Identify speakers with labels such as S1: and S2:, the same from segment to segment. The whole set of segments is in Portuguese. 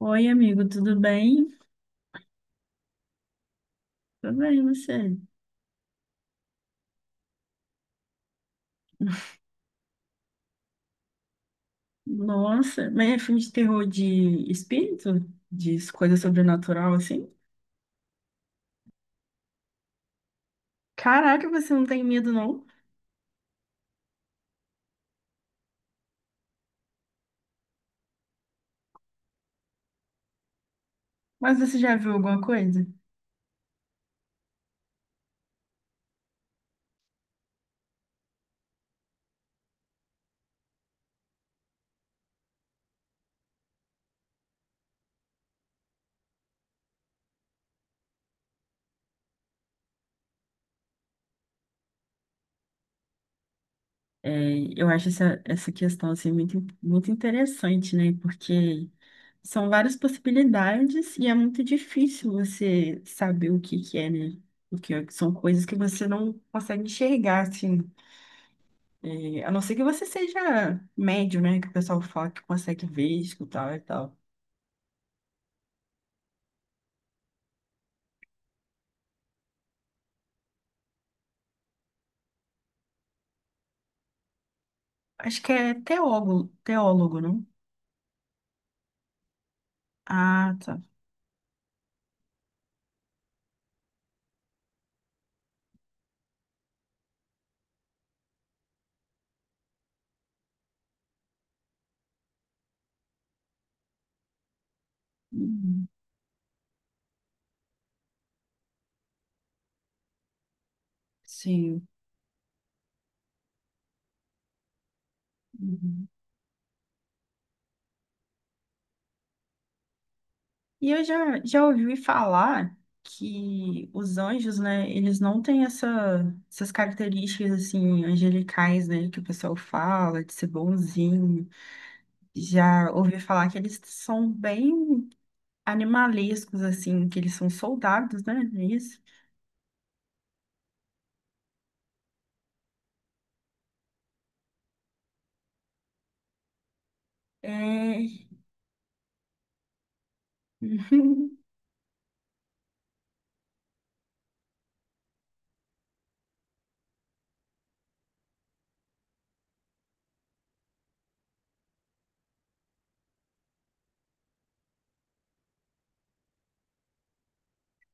S1: Oi, amigo, tudo bem? Tudo bem, e você? Nossa, mas é filme de terror de espírito? De coisa sobrenatural, assim? Caraca, você não tem medo, não? Mas você já viu alguma coisa? É, eu acho essa questão, assim, muito interessante, né? Porque são várias possibilidades e é muito difícil você saber o que que é, né? Porque são coisas que você não consegue enxergar, assim. E, a não ser que você seja médium, né? Que o pessoal fala que consegue ver, escutar e tal. Acho que é teólogo, teólogo, não? Ah, tá. Uhum. Sim. Uhum. E eu já ouvi falar que os anjos, né? Eles não têm essa, essas características, assim, angelicais, né? Que o pessoal fala, de ser bonzinho. Já ouvi falar que eles são bem animalescos, assim, que eles são soldados, né? É isso. É,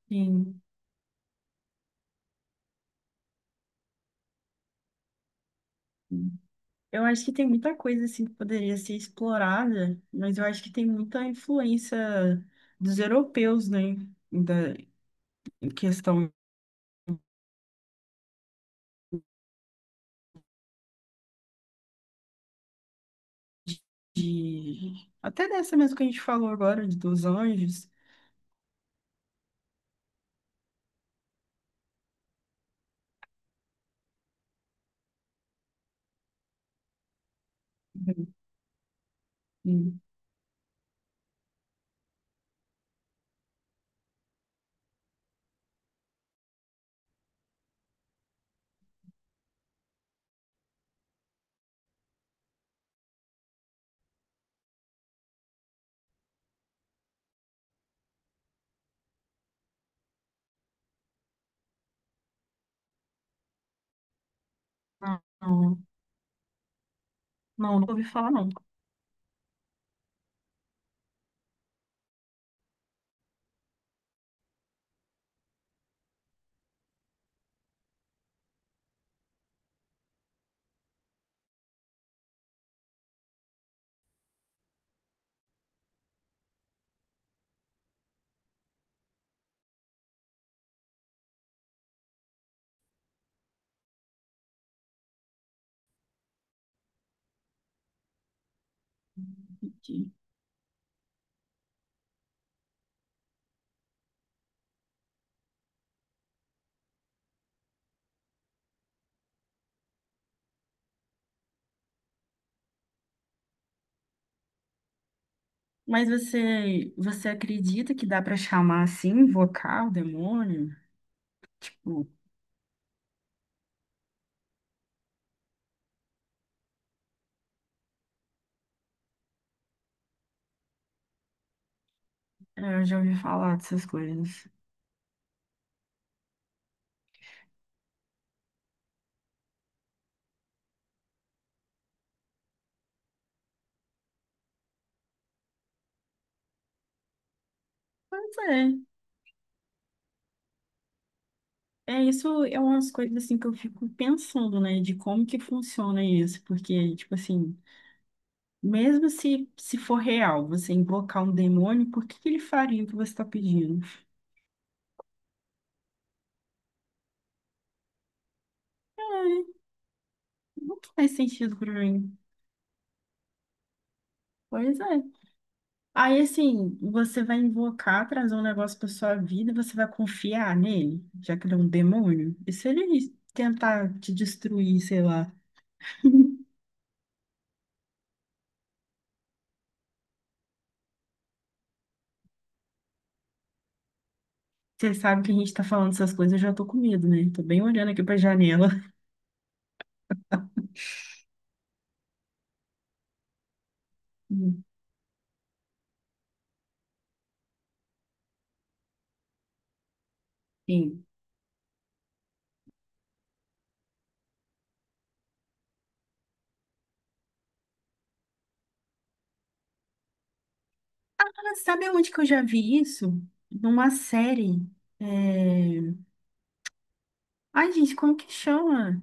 S1: Sim. Sim. Eu acho que tem muita coisa assim que poderia ser explorada, mas eu acho que tem muita influência dos europeus, né? Da em questão de até dessa mesmo que a gente falou agora de- dos anjos. Uhum. Sim. Não, não, não, nunca ouvi falar não. Mas você acredita que dá para chamar assim, invocar o demônio? Tipo, eu já ouvi falar dessas coisas. Pois é. É, isso é umas coisas assim que eu fico pensando, né, de como que funciona isso, porque, tipo assim, mesmo se for real, você invocar um demônio, por que que ele faria o que você está pedindo? Ai, não faz sentido pra mim. Pois é. Aí, assim, você vai invocar, trazer um negócio pra sua vida, e você vai confiar nele, já que ele é um demônio? E se ele tentar te destruir, sei lá? Você sabe que a gente tá falando essas coisas, eu já tô com medo, né? Tô bem olhando aqui pra janela. Sim. Sabe onde que eu já vi isso? Numa série. é, Ai, gente, como que chama?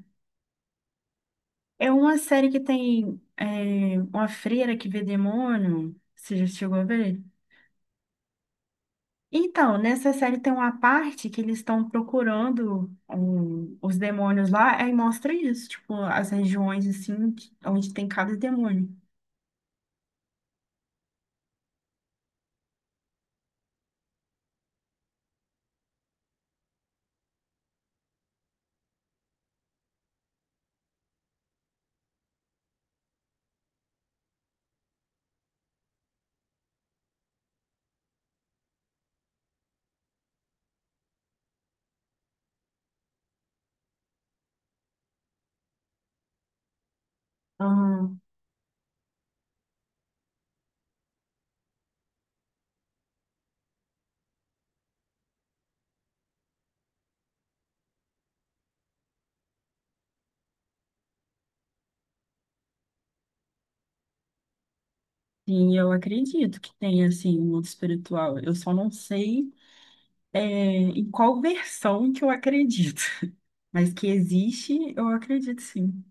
S1: É uma série que tem uma freira que vê demônio. Você já chegou a ver? Então, nessa série tem uma parte que eles estão procurando um, os demônios lá, aí mostra isso, tipo, as regiões assim, que- onde tem cada demônio. Ah, sim, eu acredito que tem assim, um mundo espiritual. Eu só não sei em qual versão que eu acredito. Mas que existe, eu acredito sim.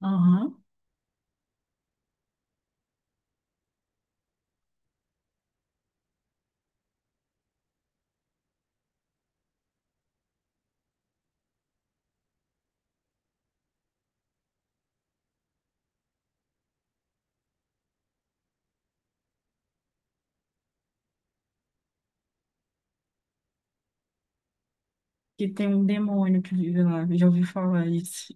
S1: Aham. Que tem um demônio que vive lá. Eu já ouvi falar isso.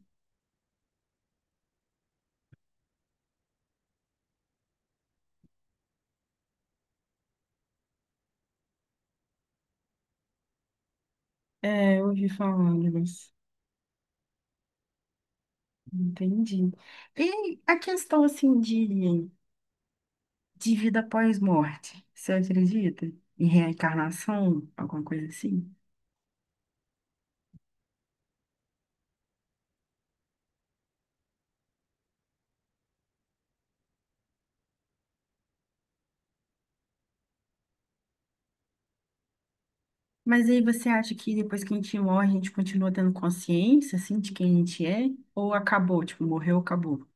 S1: É, eu ouvi falar, mas entendi. E a questão assim de vida após morte, você acredita? Em reencarnação, alguma coisa assim? Mas aí você acha que depois que a gente morre, a gente continua tendo consciência, assim, de quem a gente é? Ou acabou, tipo, morreu, acabou?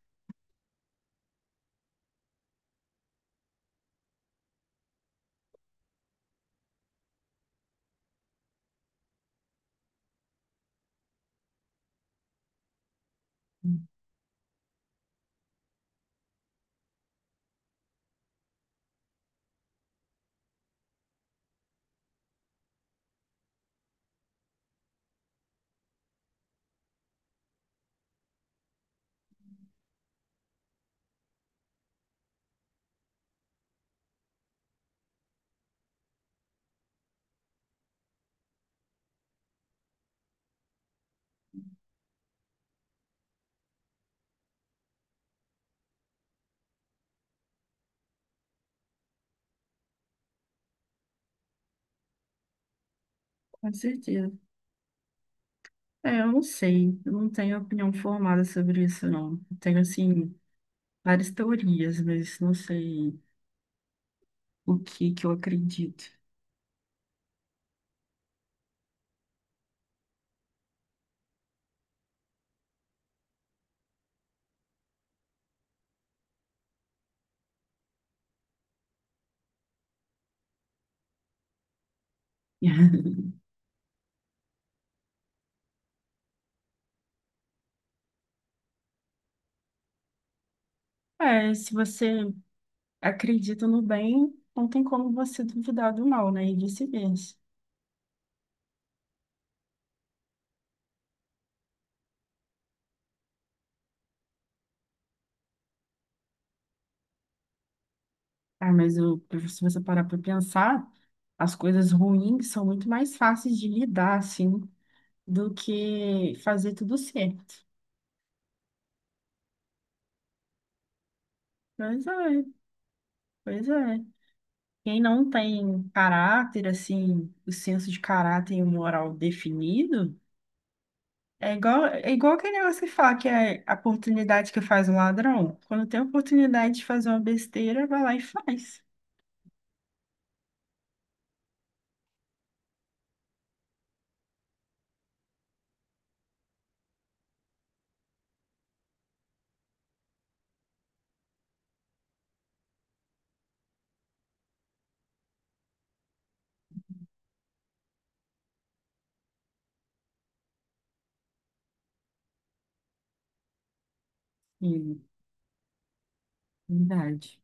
S1: Com certeza. É, eu não sei, eu não tenho opinião formada sobre isso, não. Eu tenho, assim, várias teorias, mas não sei o que que eu acredito. É, se você acredita no bem, não tem como você duvidar do mal, né? E vice-versa. Ah, mas o- se você parar para pensar, as coisas ruins são muito mais fáceis de lidar, assim, do que fazer tudo certo. Pois é, pois é. Quem não tem caráter, assim, o senso de caráter e o moral definido, é igual aquele negócio que fala que é a oportunidade que faz o ladrão. Quando tem a oportunidade de fazer uma besteira, vai lá e faz. E, verdade.